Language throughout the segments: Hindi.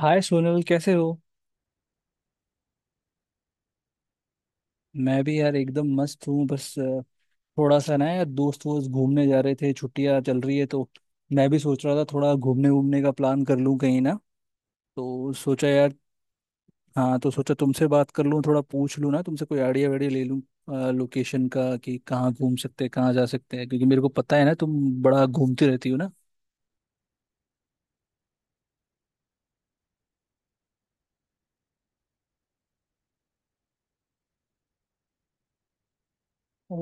हाय सोनल कैसे हो। मैं भी यार एकदम मस्त हूँ। बस थोड़ा सा ना यार दोस्त वोस्त घूमने जा रहे थे, छुट्टियाँ चल रही है तो मैं भी सोच रहा था थोड़ा घूमने घूमने का प्लान कर लूँ कहीं ना, तो सोचा यार। हाँ तो सोचा तुमसे बात कर लूँ, थोड़ा पूछ लूँ ना तुमसे, कोई आइडिया वाइडिया ले लूँ लोकेशन का कि कहाँ घूम सकते हैं कहाँ जा सकते हैं, क्योंकि मेरे को पता है ना तुम बड़ा घूमती रहती हो ना। ओ।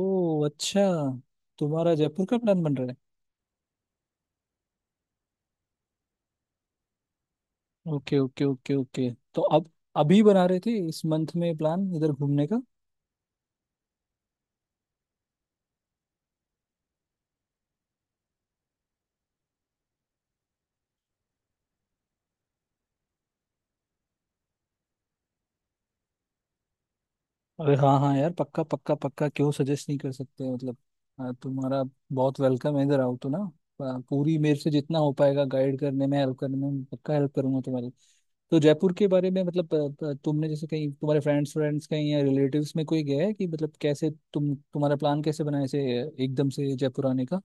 ओ अच्छा, तुम्हारा जयपुर का प्लान बन रहा है। ओके ओके ओके ओके, तो अब अभी बना रहे थे इस मंथ में प्लान इधर घूमने का। अरे हाँ हाँ यार, पक्का पक्का पक्का, क्यों सजेस्ट नहीं कर सकते। मतलब तुम्हारा बहुत वेलकम है, इधर आओ तो ना। पूरी मेरे से जितना हो पाएगा गाइड करने में हेल्प करने में पक्का हेल्प करूंगा तुम्हारी। तो जयपुर के बारे में मतलब तुमने जैसे कहीं तुम्हारे फ्रेंड्स फ्रेंड्स कहीं या रिलेटिव्स में कोई गया है कि मतलब कैसे तुम्हारा प्लान कैसे बनाए से एकदम से जयपुर आने का।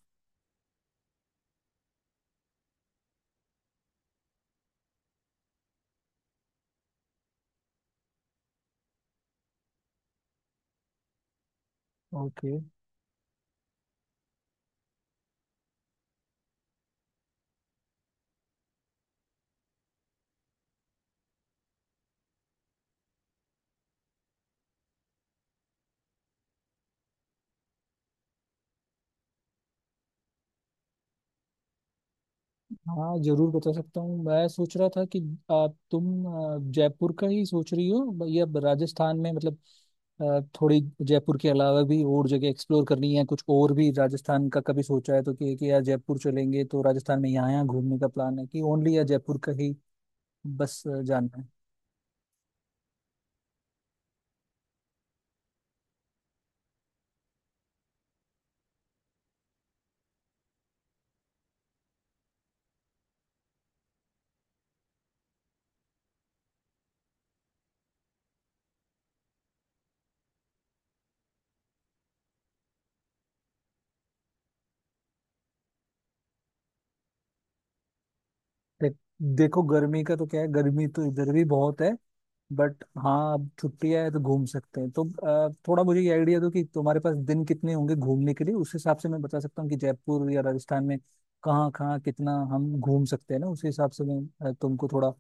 ओके, हाँ जरूर बता सकता हूँ। मैं सोच रहा था कि आप तुम जयपुर का ही सोच रही हो या राजस्थान में मतलब थोड़ी जयपुर के अलावा भी और जगह एक्सप्लोर करनी है, कुछ और भी राजस्थान का कभी सोचा है तो कि यार जयपुर चलेंगे तो राजस्थान में यहाँ यहाँ घूमने का प्लान है कि, ओनली या जयपुर का ही बस जाना है। दे, देखो गर्मी का तो क्या है, गर्मी तो इधर भी बहुत है। बट हाँ, अब छुट्टियां है तो घूम सकते हैं तो थोड़ा मुझे ये आइडिया दो कि तुम्हारे पास दिन कितने होंगे घूमने के लिए, उस हिसाब से मैं बता सकता हूँ कि जयपुर या राजस्थान में कहाँ कहाँ कितना हम घूम सकते हैं ना। उस हिसाब से मैं तुमको थोड़ा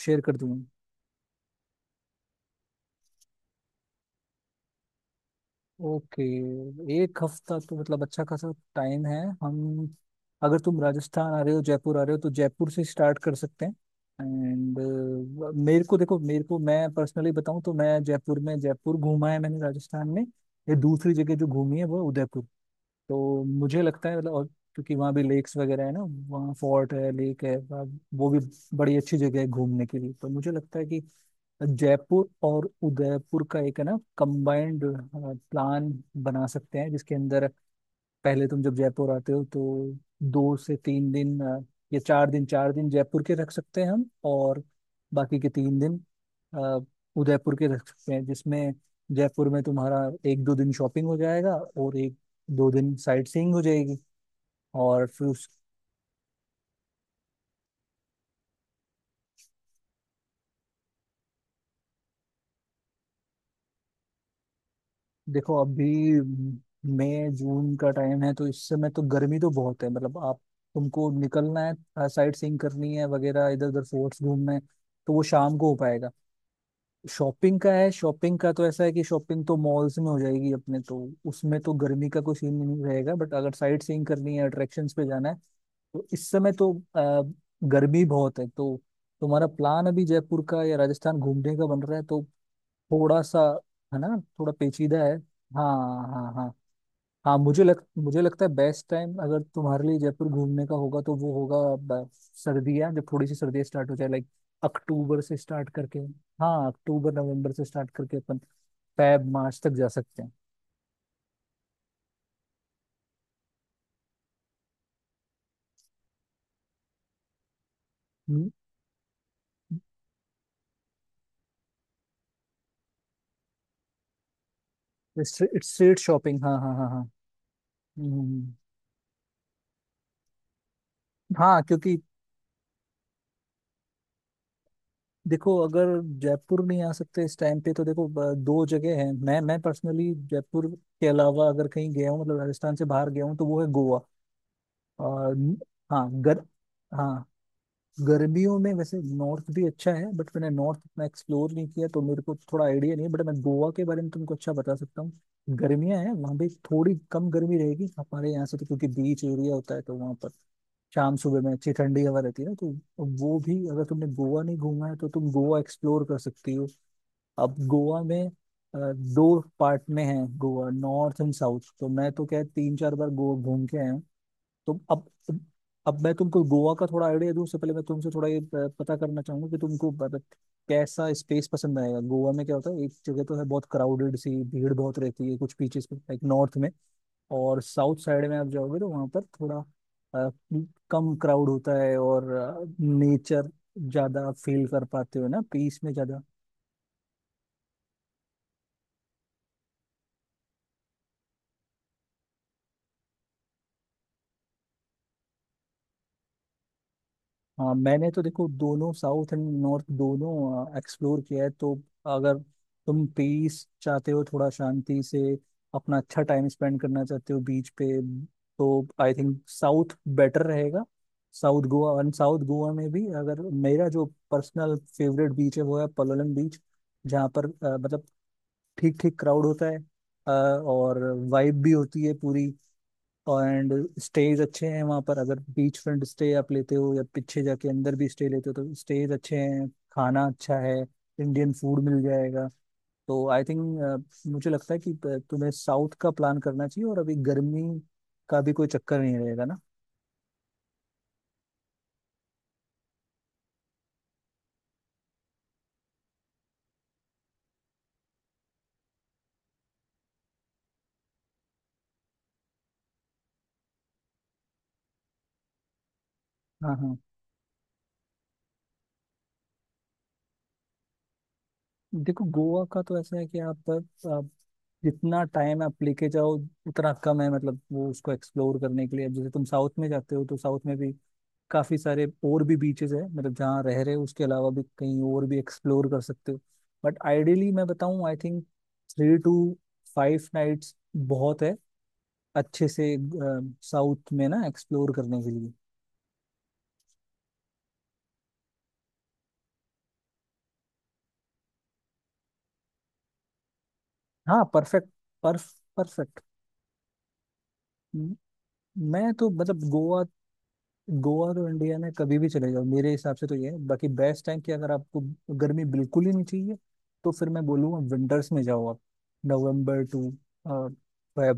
शेयर कर दूंगा। ओके, एक हफ्ता तो मतलब अच्छा खासा टाइम है। हम, अगर तुम राजस्थान आ रहे हो जयपुर आ रहे हो तो जयपुर से स्टार्ट कर सकते हैं एंड मेरे को मैं पर्सनली बताऊं तो मैं जयपुर में, जयपुर घूमा है मैंने राजस्थान में। ये दूसरी जगह जो घूमी है वो है उदयपुर। तो मुझे लगता है मतलब, और क्योंकि वहाँ भी लेक्स वगैरह है ना, वहाँ फोर्ट है, लेक है, वो भी बड़ी अच्छी जगह है घूमने के लिए। तो मुझे लगता है कि जयपुर और उदयपुर का एक है ना कंबाइंड प्लान बना सकते हैं, जिसके अंदर पहले तुम जब जयपुर आते हो तो दो से तीन दिन चार दिन जयपुर के रख सकते हैं हम, और बाकी के तीन दिन अ, उदयपुर के रख सकते हैं, जिसमें जयपुर में तुम्हारा एक दो दिन शॉपिंग हो जाएगा और एक दो दिन साइट सीइंग हो जाएगी। और फिर देखो अभी मई जून का टाइम है तो इस समय तो गर्मी तो बहुत है। मतलब आप तुमको निकलना है, साइट सीइंग करनी है वगैरह, इधर उधर फोर्ट्स घूमना है तो वो शाम को हो पाएगा। शॉपिंग का है, शॉपिंग का तो ऐसा है कि शॉपिंग तो मॉल्स में हो जाएगी अपने, तो उसमें तो गर्मी का कोई सीन नहीं रहेगा। बट अगर साइट सीइंग करनी है, अट्रैक्शंस पे जाना है, तो इस समय तो गर्मी बहुत है। तो तुम्हारा प्लान अभी जयपुर का या राजस्थान घूमने का बन रहा है तो थोड़ा सा है ना, थोड़ा पेचीदा है। हाँ हाँ हाँ हाँ, मुझे लगता है बेस्ट टाइम अगर तुम्हारे लिए जयपुर घूमने का होगा तो वो होगा सर्दियाँ, जब थोड़ी सी सर्दियाँ स्टार्ट हो जाए, लाइक अक्टूबर से स्टार्ट करके। हाँ, अक्टूबर नवंबर से स्टार्ट करके अपन फैब मार्च तक जा सकते हैं। हम्म, स्ट्रीट स्ट्रीट शॉपिंग, हाँ हाँ हाँ हाँ। हम्म, हम्म, हाँ, क्योंकि देखो अगर जयपुर नहीं आ सकते इस टाइम पे तो देखो दो जगह है। मैं पर्सनली जयपुर के अलावा अगर कहीं गया हूँ मतलब राजस्थान से बाहर गया हूँ तो वो है गोवा और हाँ गर हाँ, गर्मियों में वैसे नॉर्थ भी अच्छा है बट मैंने नॉर्थ इतना एक्सप्लोर नहीं किया तो मेरे को थोड़ा आइडिया नहीं है, बट मैं गोवा के बारे में तुमको अच्छा बता सकता हूँ। गर्मियाँ हैं, वहाँ भी थोड़ी कम गर्मी रहेगी हमारे यहाँ से, तो क्योंकि बीच एरिया होता है तो वहाँ पर शाम सुबह में अच्छी ठंडी हवा रहती है ना, तो वो भी अगर तुमने गोवा नहीं घूमा है तो तुम गोवा एक्सप्लोर कर सकती हो। अब गोवा में दो पार्ट में है गोवा, नॉर्थ एंड साउथ। तो मैं तो क्या तीन चार बार गोवा घूम के आया हूँ, तो अब मैं तुमको गोवा का थोड़ा आइडिया दूं उससे पहले मैं तुमसे थोड़ा ये पता करना चाहूंगा कि तुमको मतलब कैसा स्पेस पसंद आएगा। गोवा में क्या होता है, एक जगह तो है बहुत क्राउडेड सी, भीड़ बहुत रहती है कुछ बीचेस पे लाइक नॉर्थ में, और साउथ साइड में आप जाओगे तो वहाँ पर थोड़ा अ, कम क्राउड होता है और नेचर ज़्यादा फील कर पाते हो ना, पीस में ज़्यादा। हाँ मैंने तो देखो दोनों साउथ एंड नॉर्थ दोनों एक्सप्लोर किया है तो अगर तुम पीस चाहते हो, थोड़ा शांति से अपना अच्छा टाइम स्पेंड करना चाहते हो बीच पे, तो आई थिंक साउथ बेटर रहेगा। South Goa and south Goa में भी अगर मेरा जो पर्सनल फेवरेट बीच है वो है पलोलम बीच, जहाँ पर मतलब ठीक ठीक क्राउड होता है और वाइब भी होती है पूरी एंड स्टेज अच्छे हैं वहाँ पर। अगर बीच फ्रंट स्टे आप लेते हो या पीछे जाके अंदर भी स्टे लेते हो तो स्टेज अच्छे हैं, खाना अच्छा है, इंडियन फूड मिल जाएगा। तो आई थिंक, मुझे लगता है कि तुम्हें साउथ का प्लान करना चाहिए और अभी गर्मी का भी कोई चक्कर नहीं रहेगा ना। हाँ हाँ देखो गोवा का तो ऐसा है कि आप जितना टाइम आप लेके जाओ उतना कम है, मतलब वो उसको एक्सप्लोर करने के लिए। अब जैसे तुम साउथ में जाते हो तो साउथ में भी काफी सारे और भी बीचेस है मतलब, जहाँ रह रहे हो उसके अलावा भी कहीं और भी एक्सप्लोर कर सकते हो। बट आइडियली मैं बताऊं I think three to five nights बहुत है अच्छे से साउथ में ना एक्सप्लोर करने के लिए। हाँ परफेक्ट, परफ परफेक्ट। मैं तो मतलब गोवा, गोवा तो इंडिया में कभी भी चले जाओ मेरे हिसाब से, तो ये है बाकी बेस्ट टाइम कि अगर आपको गर्मी बिल्कुल ही नहीं चाहिए तो फिर मैं बोलूँगा विंटर्स में जाओ आप, नवंबर टू फेब।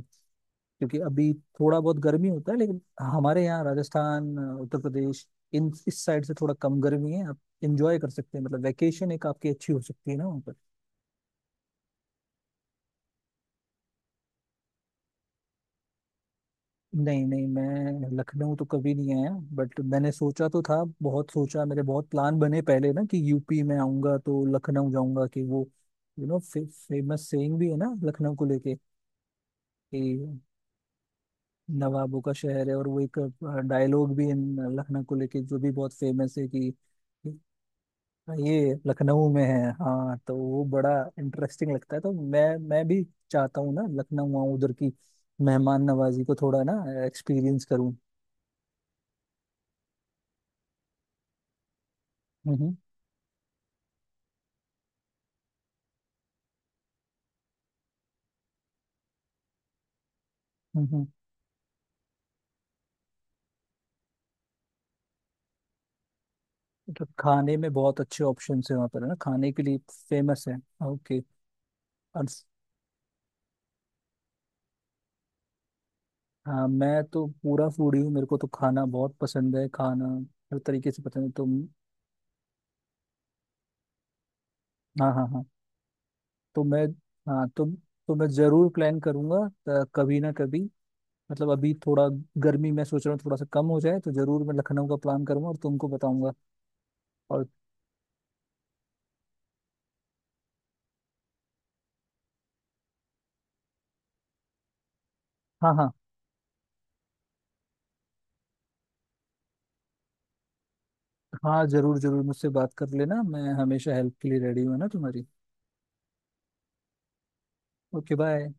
क्योंकि अभी थोड़ा बहुत गर्मी होता है लेकिन हमारे यहाँ राजस्थान उत्तर प्रदेश इन इस साइड से थोड़ा कम गर्मी है, आप इंजॉय कर सकते हैं। मतलब वैकेशन एक आपकी अच्छी हो सकती है ना। नहीं नहीं, मैं लखनऊ तो कभी नहीं आया बट मैंने सोचा तो था। बहुत सोचा, मेरे बहुत प्लान बने पहले ना कि यूपी में आऊंगा तो लखनऊ जाऊंगा। कि वो यू नो फेमस सेइंग भी है ना लखनऊ को लेके कि नवाबों का शहर है। और वो एक डायलॉग भी है लखनऊ को लेके जो भी बहुत फेमस है कि ये लखनऊ में है। हाँ तो वो बड़ा इंटरेस्टिंग लगता है, तो मैं भी चाहता हूँ ना लखनऊ आऊँ, उधर की मेहमान नवाजी को थोड़ा ना एक्सपीरियंस करूँ। हम्म हम्म हम्म। मतलब खाने में बहुत अच्छे ऑप्शन है वहाँ पर है ना, खाने के लिए फेमस है। ओके, और स- हाँ मैं तो पूरा फूडी हूँ, मेरे को तो खाना बहुत पसंद है, खाना हर तरीके से पसंद है तो। हाँ हाँ हाँ, तो मैं हाँ तो मैं जरूर प्लान करूंगा कभी ना कभी। मतलब अभी थोड़ा गर्मी मैं सोच रहा हूँ थोड़ा सा कम हो जाए तो जरूर मैं लखनऊ का प्लान करूंगा और तुमको बताऊंगा। और हाँ हाँ, हाँ जरूर जरूर मुझसे बात कर लेना, मैं हमेशा हेल्प के लिए रेडी हूँ है ना तुम्हारी। Okay bye.